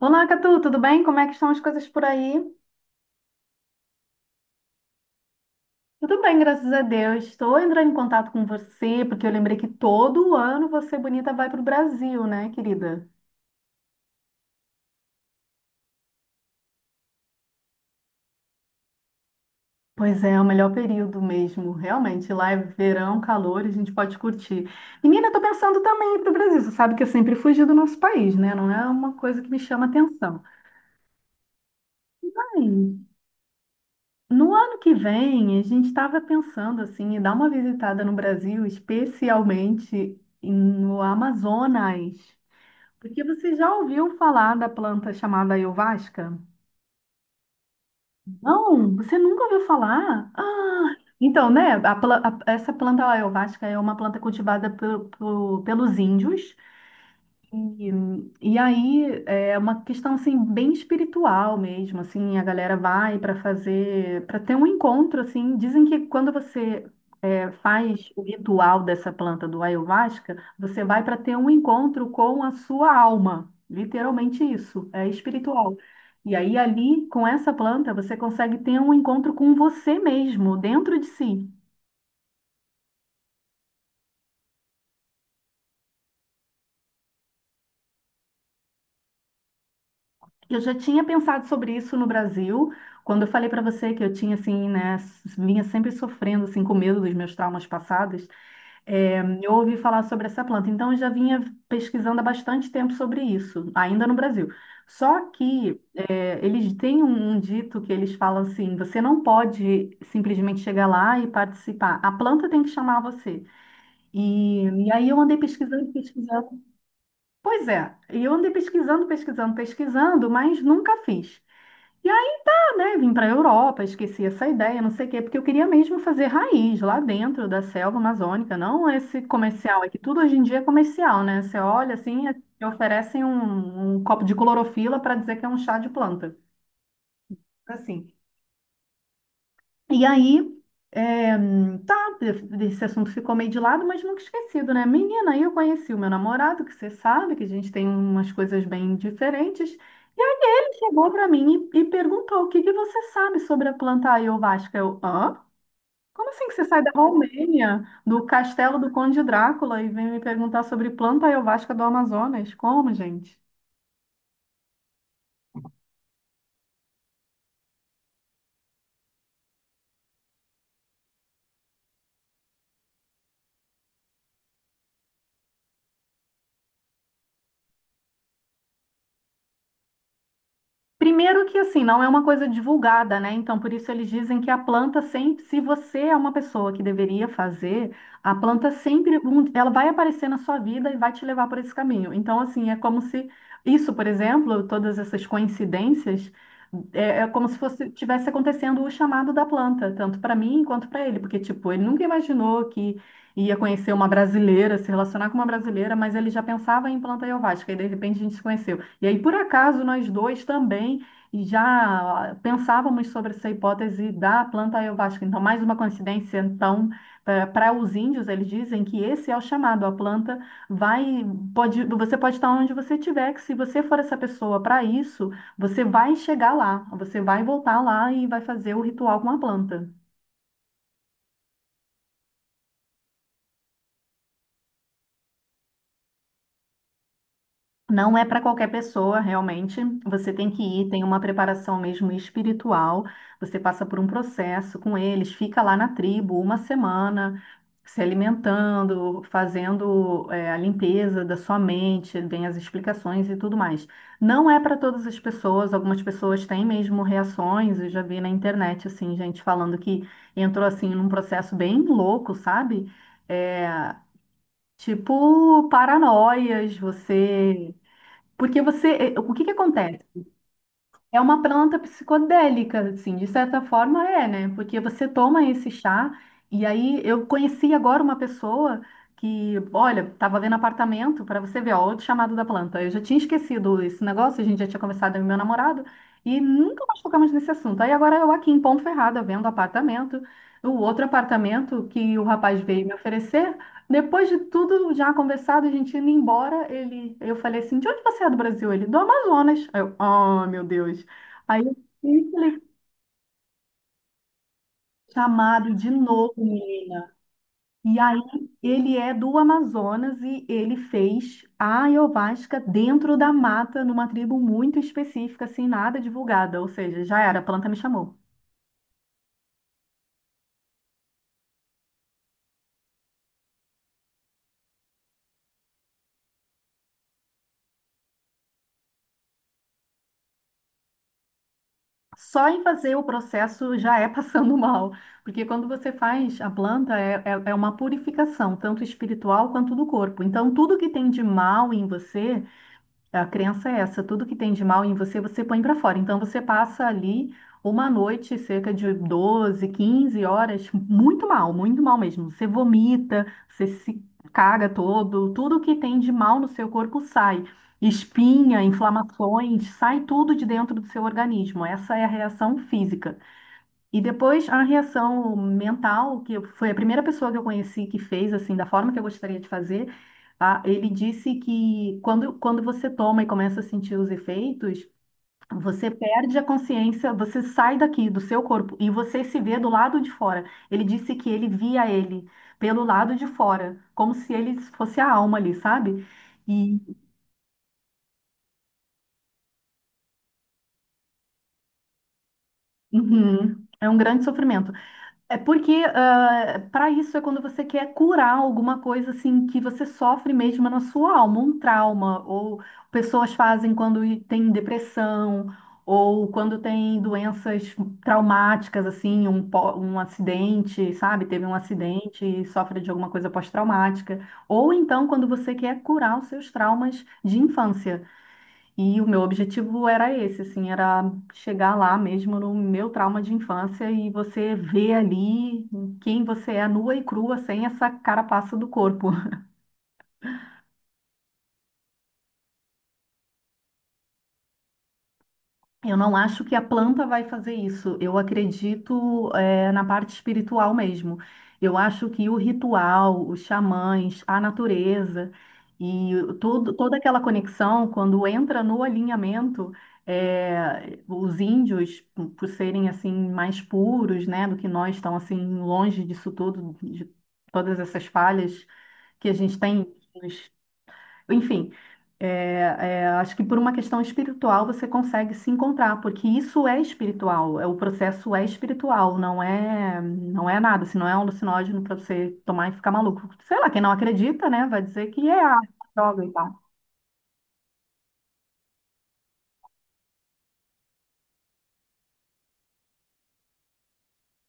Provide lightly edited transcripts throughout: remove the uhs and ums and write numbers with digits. Olá, Catu, tudo bem? Como é que estão as coisas por aí? Tudo bem, graças a Deus. Estou entrando em contato com você porque eu lembrei que todo ano você bonita vai para o Brasil, né, querida? Pois é, é o melhor período mesmo, realmente. Lá é verão, calor, a gente pode curtir. Menina, estou pensando também em ir para o Brasil. Você sabe que eu sempre fugi do nosso país, né? Não é uma coisa que me chama atenção. Ai, no ano que vem, a gente estava pensando assim, em dar uma visitada no Brasil, especialmente no Amazonas. Porque você já ouviu falar da planta chamada ayahuasca? Não, você nunca ouviu falar? Ah, então, né? a pla- a- essa planta ayahuasca é uma planta cultivada pelos índios. E, e aí é uma questão assim bem espiritual mesmo, assim, a galera vai para fazer, para ter um encontro assim, dizem que quando você faz o ritual dessa planta do ayahuasca, você vai para ter um encontro com a sua alma. Literalmente isso, é espiritual. E aí, ali, com essa planta, você consegue ter um encontro com você mesmo, dentro de si. Eu já tinha pensado sobre isso no Brasil, quando eu falei para você que eu tinha, assim, né, vinha sempre sofrendo, assim, com medo dos meus traumas passados. É, eu ouvi falar sobre essa planta, então eu já vinha pesquisando há bastante tempo sobre isso, ainda no Brasil. Só que eles têm um dito que eles falam assim: você não pode simplesmente chegar lá e participar, a planta tem que chamar você. E aí eu andei pesquisando, pesquisando. Pois é, e eu andei pesquisando, pesquisando, pesquisando, mas nunca fiz. e né, vim para a Europa, esqueci essa ideia, não sei o quê, porque eu queria mesmo fazer raiz lá dentro da selva amazônica, não esse comercial, é que tudo hoje em dia é comercial, né? Você olha assim, te oferecem um, um copo de clorofila para dizer que é um chá de planta, assim. E aí, é, tá, esse assunto ficou meio de lado, mas nunca esquecido, né? Menina, aí eu conheci o meu namorado, que você sabe que a gente tem umas coisas bem diferentes. E aí ele chegou para mim e perguntou: o que que você sabe sobre a planta ayovasca? Eu, hã? Como assim que você sai da Romênia, do castelo do Conde Drácula, e vem me perguntar sobre planta ayovasca do Amazonas? Como, gente? Primeiro que assim, não é uma coisa divulgada, né? Então, por isso eles dizem que a planta sempre, se você é uma pessoa que deveria fazer, a planta sempre, ela vai aparecer na sua vida e vai te levar por esse caminho. Então, assim, é como se isso, por exemplo, todas essas coincidências, é como se fosse tivesse acontecendo o chamado da planta, tanto para mim quanto para ele, porque tipo, ele nunca imaginou que ia conhecer uma brasileira, se relacionar com uma brasileira, mas ele já pensava em planta ayahuasca e de repente a gente se conheceu. E aí, por acaso, nós dois também já pensávamos sobre essa hipótese da planta ayahuasca. Então, mais uma coincidência. Então, para os índios, eles dizem que esse é o chamado. A planta vai, pode, você pode estar onde você estiver, que se você for essa pessoa para isso, você vai chegar lá, você vai voltar lá e vai fazer o ritual com a planta. Não é para qualquer pessoa, realmente. Você tem que ir, tem uma preparação mesmo espiritual. Você passa por um processo com eles, fica lá na tribo uma semana, se alimentando, fazendo, é, a limpeza da sua mente, vem as explicações e tudo mais. Não é para todas as pessoas, algumas pessoas têm mesmo reações. Eu já vi na internet, assim, gente falando que entrou assim num processo bem louco, sabe? É, tipo paranoias, você. Porque você, o que que acontece? É uma planta psicodélica, assim, de certa forma é, né? Porque você toma esse chá, e aí eu conheci agora uma pessoa que, olha, tava vendo apartamento, para você ver, ó, outro chamado da planta. Eu já tinha esquecido esse negócio, a gente já tinha conversado com meu namorado, e nunca mais tocamos nesse assunto. Aí agora eu aqui em Ponto Ferrada, vendo apartamento, o outro apartamento que o rapaz veio me oferecer, depois de tudo já conversado, a gente indo embora, ele, eu falei assim, de onde você é do Brasil? Ele, do Amazonas. Aí eu, oh, meu Deus. Aí eu fui tele- chamado de novo, menina. E aí ele é do Amazonas e ele fez a ayahuasca dentro da mata, numa tribo muito específica, assim, nada divulgada. Ou seja, já era, a planta me chamou. Só em fazer o processo já é passando mal, porque quando você faz a planta é uma purificação, tanto espiritual quanto do corpo. Então, tudo que tem de mal em você. A crença é essa, tudo que tem de mal em você, você põe para fora. Então você passa ali uma noite, cerca de 12-15 horas, muito mal mesmo. Você vomita, você se caga todo, tudo que tem de mal no seu corpo sai. Espinha, inflamações, sai tudo de dentro do seu organismo. Essa é a reação física. E depois a reação mental, foi a primeira pessoa que eu conheci que fez assim, da forma que eu gostaria de fazer, ah, ele disse que quando, quando você toma e começa a sentir os efeitos, você perde a consciência, você sai daqui do seu corpo e você se vê do lado de fora. Ele disse que ele via ele pelo lado de fora, como se ele fosse a alma ali, sabe? E uhum, é um grande sofrimento. É porque para isso é quando você quer curar alguma coisa assim que você sofre mesmo na sua alma, um trauma, ou pessoas fazem quando tem depressão, ou quando tem doenças traumáticas, assim, um acidente, sabe? Teve um acidente e sofre de alguma coisa pós-traumática. Ou então quando você quer curar os seus traumas de infância. E o meu objetivo era esse, assim, era chegar lá mesmo no meu trauma de infância e você ver ali quem você é nua e crua, sem essa carapaça do corpo. Eu não acho que a planta vai fazer isso. Eu acredito, na parte espiritual mesmo. Eu acho que o ritual, os xamãs, a natureza todo, toda aquela conexão, quando entra no alinhamento, os índios, por serem assim mais puros, né, do que nós, estão assim longe disso tudo, de todas essas falhas que a gente tem. Enfim, acho que por uma questão espiritual você consegue se encontrar, porque isso é espiritual, é, o processo é espiritual, não é nada, se não é um alucinógeno para você tomar e ficar maluco. Sei lá, quem não acredita, né, vai dizer que é a droga e tal.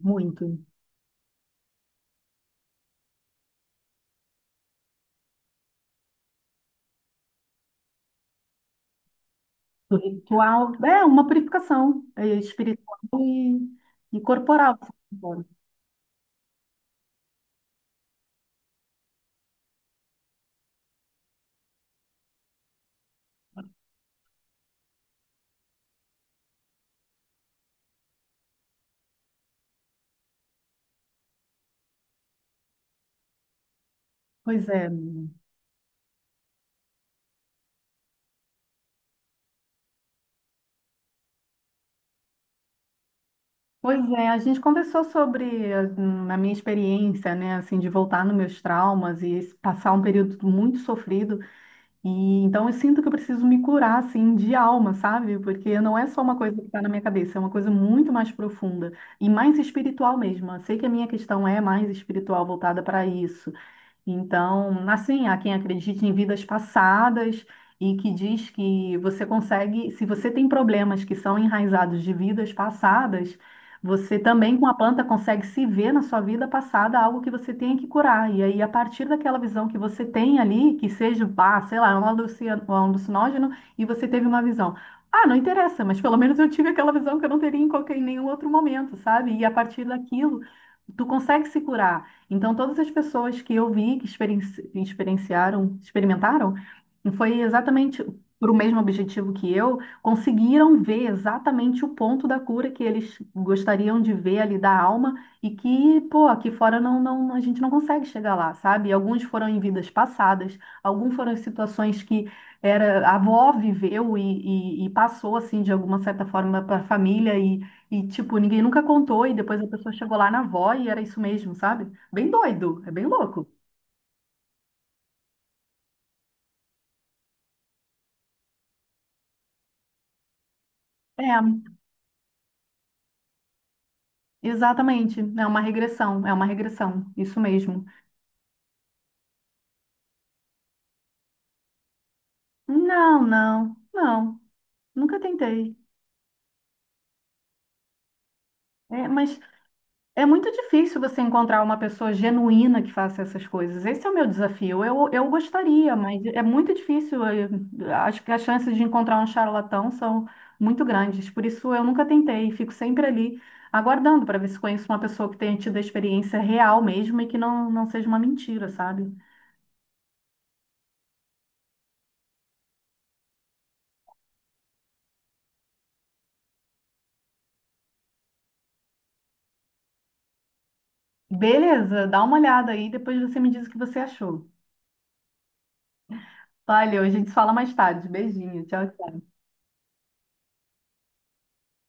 Muito. O ritual é uma purificação é, espiritual e corporal. Pois é. Pois é, a gente conversou sobre a minha experiência, né, assim, de voltar nos meus traumas e passar um período muito sofrido. E então eu sinto que eu preciso me curar, assim, de alma, sabe? Porque não é só uma coisa que está na minha cabeça, é uma coisa muito mais profunda e mais espiritual mesmo. Eu sei que a minha questão é mais espiritual, voltada para isso. Então, assim, há quem acredite em vidas passadas e que diz que você consegue, se você tem problemas que são enraizados de vidas passadas, você também com a planta consegue se ver na sua vida passada algo que você tem que curar. E aí, a partir daquela visão que você tem ali, que seja, ah, sei lá, é um um alucinógeno, e você teve uma visão. Ah, não interessa, mas pelo menos eu tive aquela visão que eu não teria em qualquer, em nenhum outro momento, sabe? E a partir daquilo, tu consegue se curar. Então, todas as pessoas que eu vi que experienciaram, experimentaram, foi exatamente para o mesmo objetivo que eu, conseguiram ver exatamente o ponto da cura que eles gostariam de ver ali da alma e que, pô, aqui fora não, não, a gente não consegue chegar lá, sabe? Alguns foram em vidas passadas, alguns foram em situações que era, a avó viveu e passou, assim, de alguma certa forma para a família e, tipo, ninguém nunca contou e depois a pessoa chegou lá na avó e era isso mesmo, sabe? Bem doido, é bem louco. É, exatamente. É uma regressão, isso mesmo. Não, não, não, nunca tentei. É, mas é muito difícil você encontrar uma pessoa genuína que faça essas coisas. Esse é o meu desafio. Eu gostaria, mas é muito difícil. Acho que as chances de encontrar um charlatão são muito grandes. Por isso, eu nunca tentei. Fico sempre ali aguardando para ver se conheço uma pessoa que tenha tido a experiência real mesmo e que não seja uma mentira, sabe? Beleza, dá uma olhada aí, depois você me diz o que você achou. Valeu, a gente se fala mais tarde. Beijinho, tchau, tchau.